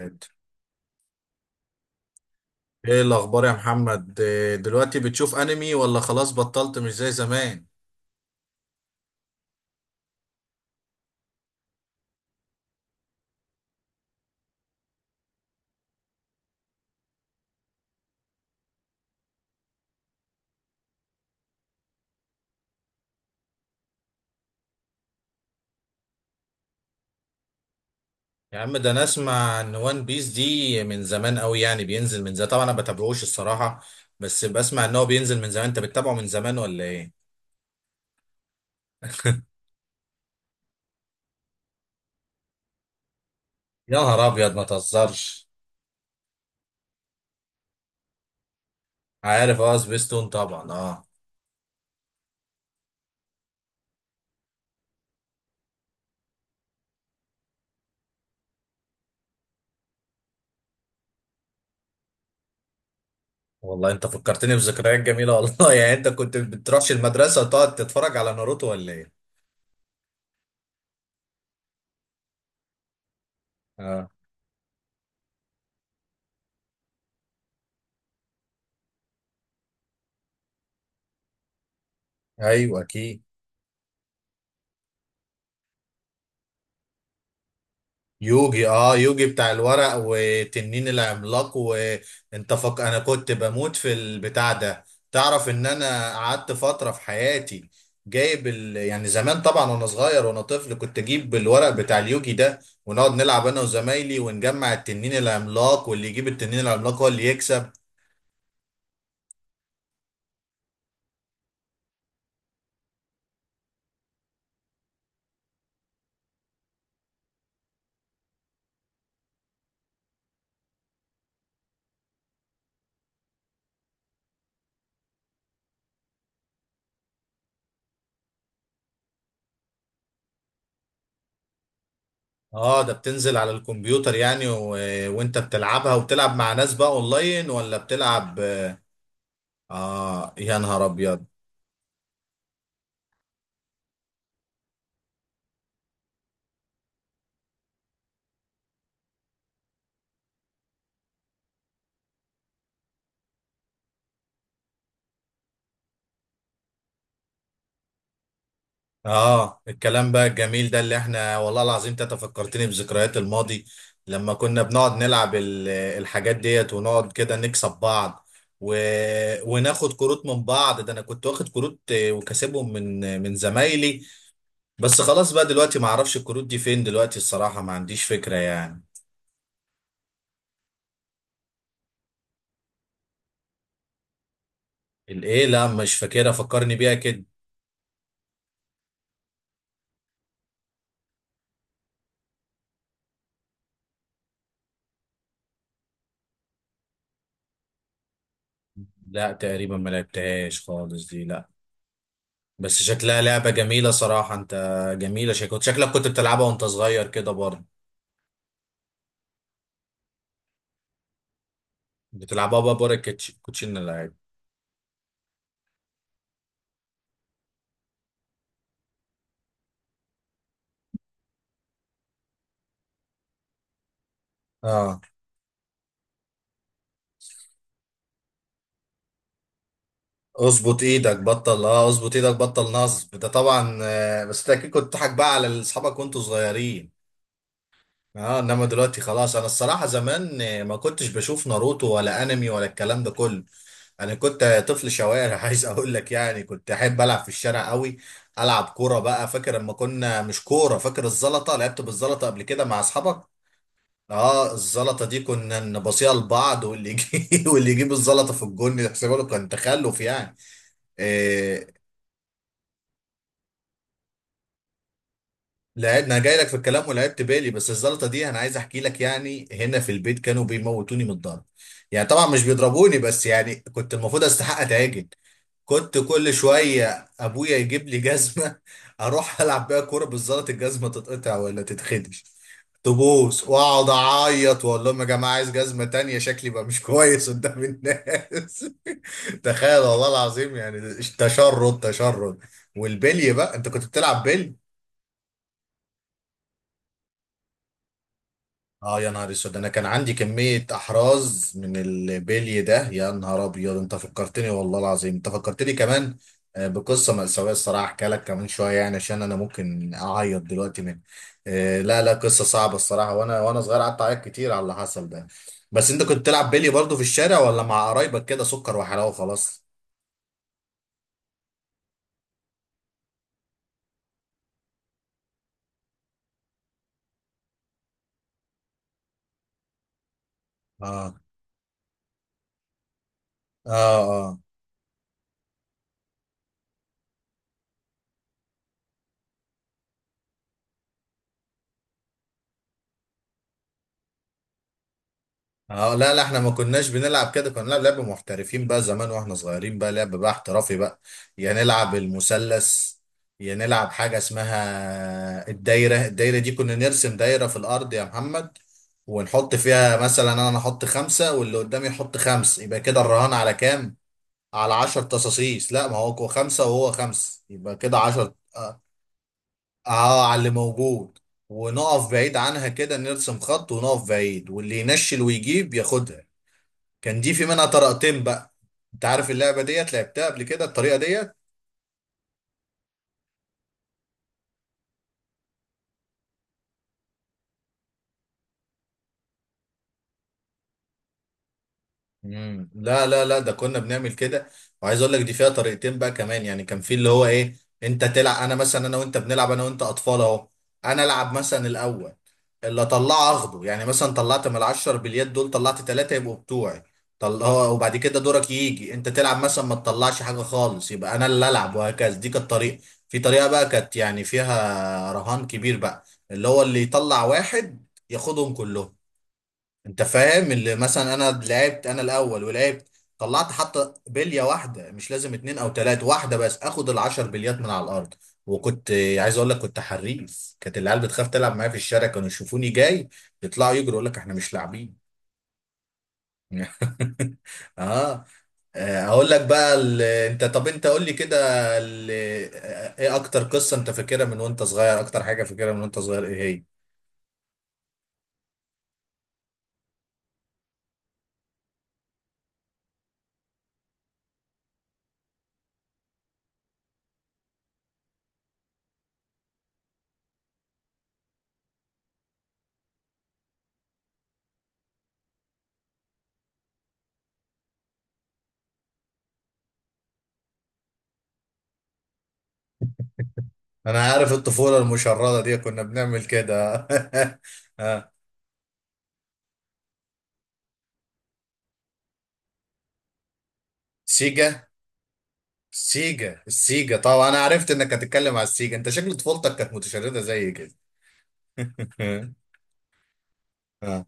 ايه الاخبار يا محمد؟ إيه دلوقتي، بتشوف انمي ولا خلاص بطلت مش زي زمان؟ يا عم ده انا اسمع ان وان بيس دي من زمان قوي، يعني بينزل من زمان. طبعا انا ما بتابعوش الصراحه، بس بسمع ان هو بينزل من زمان. انت بتتابعه من زمان ولا ايه؟ يا نهار ابيض، ما تهزرش. عارف، اه سبيستون طبعا، اه. والله انت فكرتني بذكريات جميله والله. يعني انت كنت بتروحش المدرسه وتقعد تتفرج على ناروتو ولا ايه؟ اه ايوه اكيد. يوجي، اه يوجي بتاع الورق وتنين العملاق، انا كنت بموت في البتاع ده. تعرف ان انا قعدت فترة في حياتي يعني زمان طبعا، وانا صغير وانا طفل، كنت اجيب الورق بتاع اليوجي ده، ونقعد نلعب انا وزمايلي ونجمع التنين العملاق، واللي يجيب التنين العملاق هو اللي يكسب. اه ده بتنزل على الكمبيوتر يعني وانت بتلعبها وبتلعب مع ناس بقى اونلاين ولا بتلعب؟ اه يا نهار ابيض. اه الكلام بقى الجميل ده اللي احنا، والله العظيم انت فكرتني بذكريات الماضي، لما كنا بنقعد نلعب الحاجات ديت، ونقعد كده نكسب بعض و... وناخد كروت من بعض. ده انا كنت واخد كروت وكاسبهم من من زمايلي، بس خلاص بقى دلوقتي ما اعرفش الكروت دي فين دلوقتي الصراحة، ما عنديش فكرة يعني. الايه؟ لا مش فاكرها، فكرني بيها كده. لا تقريبا ما لعبتهاش خالص دي، لا. بس شكلها لعبة جميلة صراحة. انت جميلة، شكلك شكلك كنت بتلعبها وانت صغير كده برضه. بتلعبها بقى بره الكوتشينه اللعيب. اه، اظبط ايدك بطل، اه اظبط ايدك بطل نصب ده طبعا، بس انت اكيد كنت بتضحك بقى على اصحابك وانتوا صغيرين. اه، انما دلوقتي خلاص انا الصراحه. زمان ما كنتش بشوف ناروتو ولا انمي ولا الكلام ده كله. انا كنت طفل شوارع عايز اقول لك، يعني كنت احب العب في الشارع قوي. العب كوره بقى. فاكر لما كنا مش كوره، فاكر الزلطه؟ لعبت بالزلطه قبل كده مع اصحابك؟ اه الزلطه دي كنا نبصيها لبعض، واللي يجيب واللي يجيب الزلطه في الجون يحسبها له، كان تخلف يعني. آه، لعب، انا جاي لك في الكلام، ولعبت بالي، بس الزلطه دي انا عايز احكي لك يعني. هنا في البيت كانوا بيموتوني من الضرب، يعني طبعا مش بيضربوني، بس يعني كنت المفروض استحق اتعجن. كنت كل شويه ابويا يجيب لي جزمه، اروح العب بيها كوره بالزلط، الجزمه تتقطع ولا تتخدش، تبوس، واقعد اعيط واقول لهم يا جماعه عايز جزمه تانية، شكلي بقى مش كويس قدام الناس. تخيل والله العظيم يعني. تشرد تشرد. والبلي بقى، انت كنت بتلعب بلي؟ اه يا نهار اسود، انا كان عندي كمية احراز من البلي ده. يا نهار ابيض، انت فكرتني والله العظيم، انت فكرتني كمان بقصة مأساوية الصراحة. احكي لك كمان شوية يعني، عشان انا ممكن اعيط دلوقتي من لا لا، قصة صعبة الصراحة. وانا صغير قعدت اعيط كتير على اللي حصل ده. بس انت كنت تلعب بلي برضه في الشارع، ولا مع قرايبك كده سكر وحلاوة خلاص؟ اه اه اه. لا لا احنا ما كناش بنلعب كده، كنا بنلعب لعب محترفين بقى. زمان واحنا صغيرين بقى لعب بقى احترافي بقى. يا نلعب المثلث، يا نلعب حاجة اسمها الدايرة. الدايرة دي كنا نرسم دايرة في الأرض يا محمد، ونحط فيها مثلا. أنا أحط خمسة واللي قدامي يحط خمس، يبقى كده الرهان على كام؟ على عشر تصاصيص. لا، ما هو هو خمسة وهو خمس، يبقى كده عشر، اه. على اللي موجود. ونقف بعيد عنها كده، نرسم خط ونقف بعيد، واللي ينشل ويجيب ياخدها. كان دي في منها طريقتين بقى. انت عارف اللعبه ديت؟ لعبتها قبل كده الطريقه ديت؟ مم. لا ده كنا بنعمل كده. وعايز اقول لك دي فيها طريقتين بقى كمان، يعني كان في اللي هو ايه، انت تلعب. انا مثلا، انا وانت بنلعب، انا وانت اطفال اهو، انا العب مثلا الاول، اللي اطلعه اخده. يعني مثلا طلعت من العشر باليد دول طلعت ثلاثه، يبقوا بتوعي. وبعد كده دورك يجي انت تلعب، مثلا ما تطلعش حاجه خالص، يبقى انا اللي العب، وهكذا. دي كانت طريقه. في طريقه بقى كانت يعني فيها رهان كبير بقى، اللي هو اللي يطلع واحد ياخدهم كلهم. انت فاهم؟ اللي مثلا انا لعبت، انا الاول ولعبت، طلعت حتى بليه واحده، مش لازم اتنين او تلاته، واحده بس، اخد العشر بليات من على الارض. وكنت عايز اقول لك كنت حريف، كانت العيال بتخاف تلعب معايا في الشارع، كانوا يشوفوني جاي يطلعوا يجروا، يقول لك احنا مش لاعبين. اه. اقول لك بقى انت، طب انت قول لي كده ال... آه، ايه اكتر قصه انت فاكرها من وانت صغير؟ اكتر حاجه فاكرها من وانت صغير ايه هي؟ انا عارف، الطفوله المشرده دي كنا بنعمل كده. آه. سيجا. سيجا، السيجا طبعا، انا عرفت انك هتتكلم على السيجا، انت شكل طفولتك كانت متشردة زي كده. اه.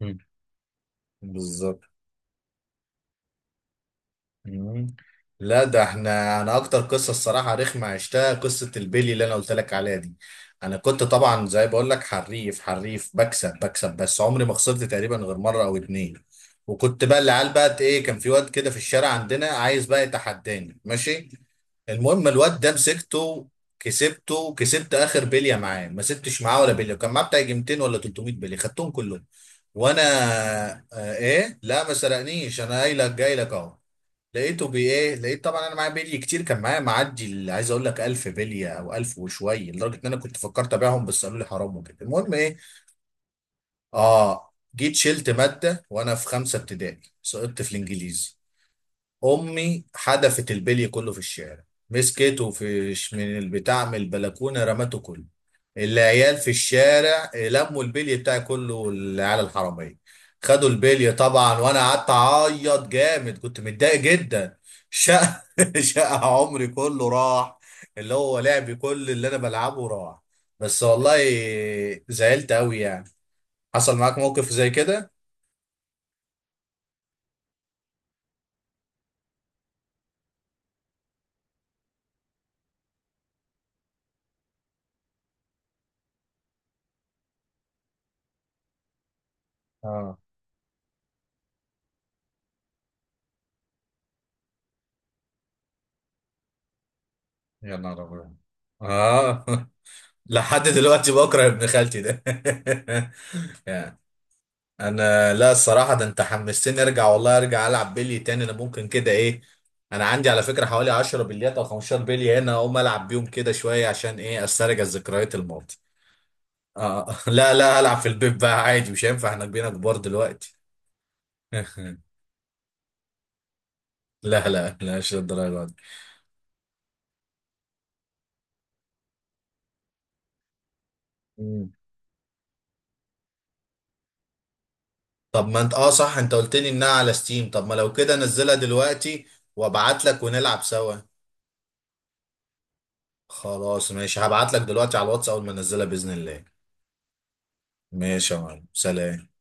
مم. بالظبط. مم. لا ده احنا، انا اكتر قصه الصراحه رخمه عشتها قصه البيلي اللي انا قلت لك عليها دي. انا كنت طبعا زي بقول لك حريف حريف، بكسب بكسب، بس عمري ما خسرت تقريبا غير مره او اتنين. وكنت بقى العيال بقى ايه، كان في واد كده في الشارع عندنا عايز بقى يتحداني، ماشي. المهم الواد ده مسكته، كسبته، كسبت اخر بليه معاه، ما سبتش معاه ولا بليه. كان معاه بتاع يجي 200 ولا 300 بليه، خدتهم كلهم وانا آه ايه، لا ما سرقنيش، انا قايل لك جاي لك اهو. لقيته بي ايه، لقيت طبعا انا معايا بلي كتير، كان معايا معدي عايز اقول لك 1000 بليه او 1000 وشويه، لدرجه ان انا كنت فكرت ابيعهم بس قالوا لي حرام وكده. المهم ايه، اه جيت شلت ماده وانا في خمسه ابتدائي، سقطت في الانجليزي. امي حدفت البلي كله في الشارع، مسكته من البتاع من البلكونه رمته كله. العيال في الشارع لموا البلي بتاعي كله، العيال الحراميه خدوا البلي طبعا، وانا قعدت اعيط جامد، كنت متضايق جدا. شقى، شقى عمري كله راح، اللي هو لعبي كل اللي انا بلعبه راح. بس والله زعلت قوي يعني. حصل معاك موقف زي كده؟ اه يا نهار ابيض. اه. لحد دلوقتي بكره ابن خالتي ده. يعني انا، لا الصراحه ده انت حمستني ارجع والله، ارجع العب بلي تاني، انا ممكن كده ايه، انا عندي على فكره حوالي 10 بليات او 15 بلي هنا، اقوم العب بيهم كده شويه، عشان ايه، استرجع ذكريات الماضي. اه لا لا، العب في البيت بقى عادي، مش هينفع احنا بقينا كبار دلوقتي. لا لا لا مش للدرجه دي. مم. طب ما انت، اه صح، انت قلت لي انها على ستيم، طب ما لو كده نزلها دلوقتي وابعت لك ونلعب سوا. خلاص ماشي، هبعت لك دلوقتي على الواتس اول ما انزلها باذن الله. ماشي يا معلم، سلام.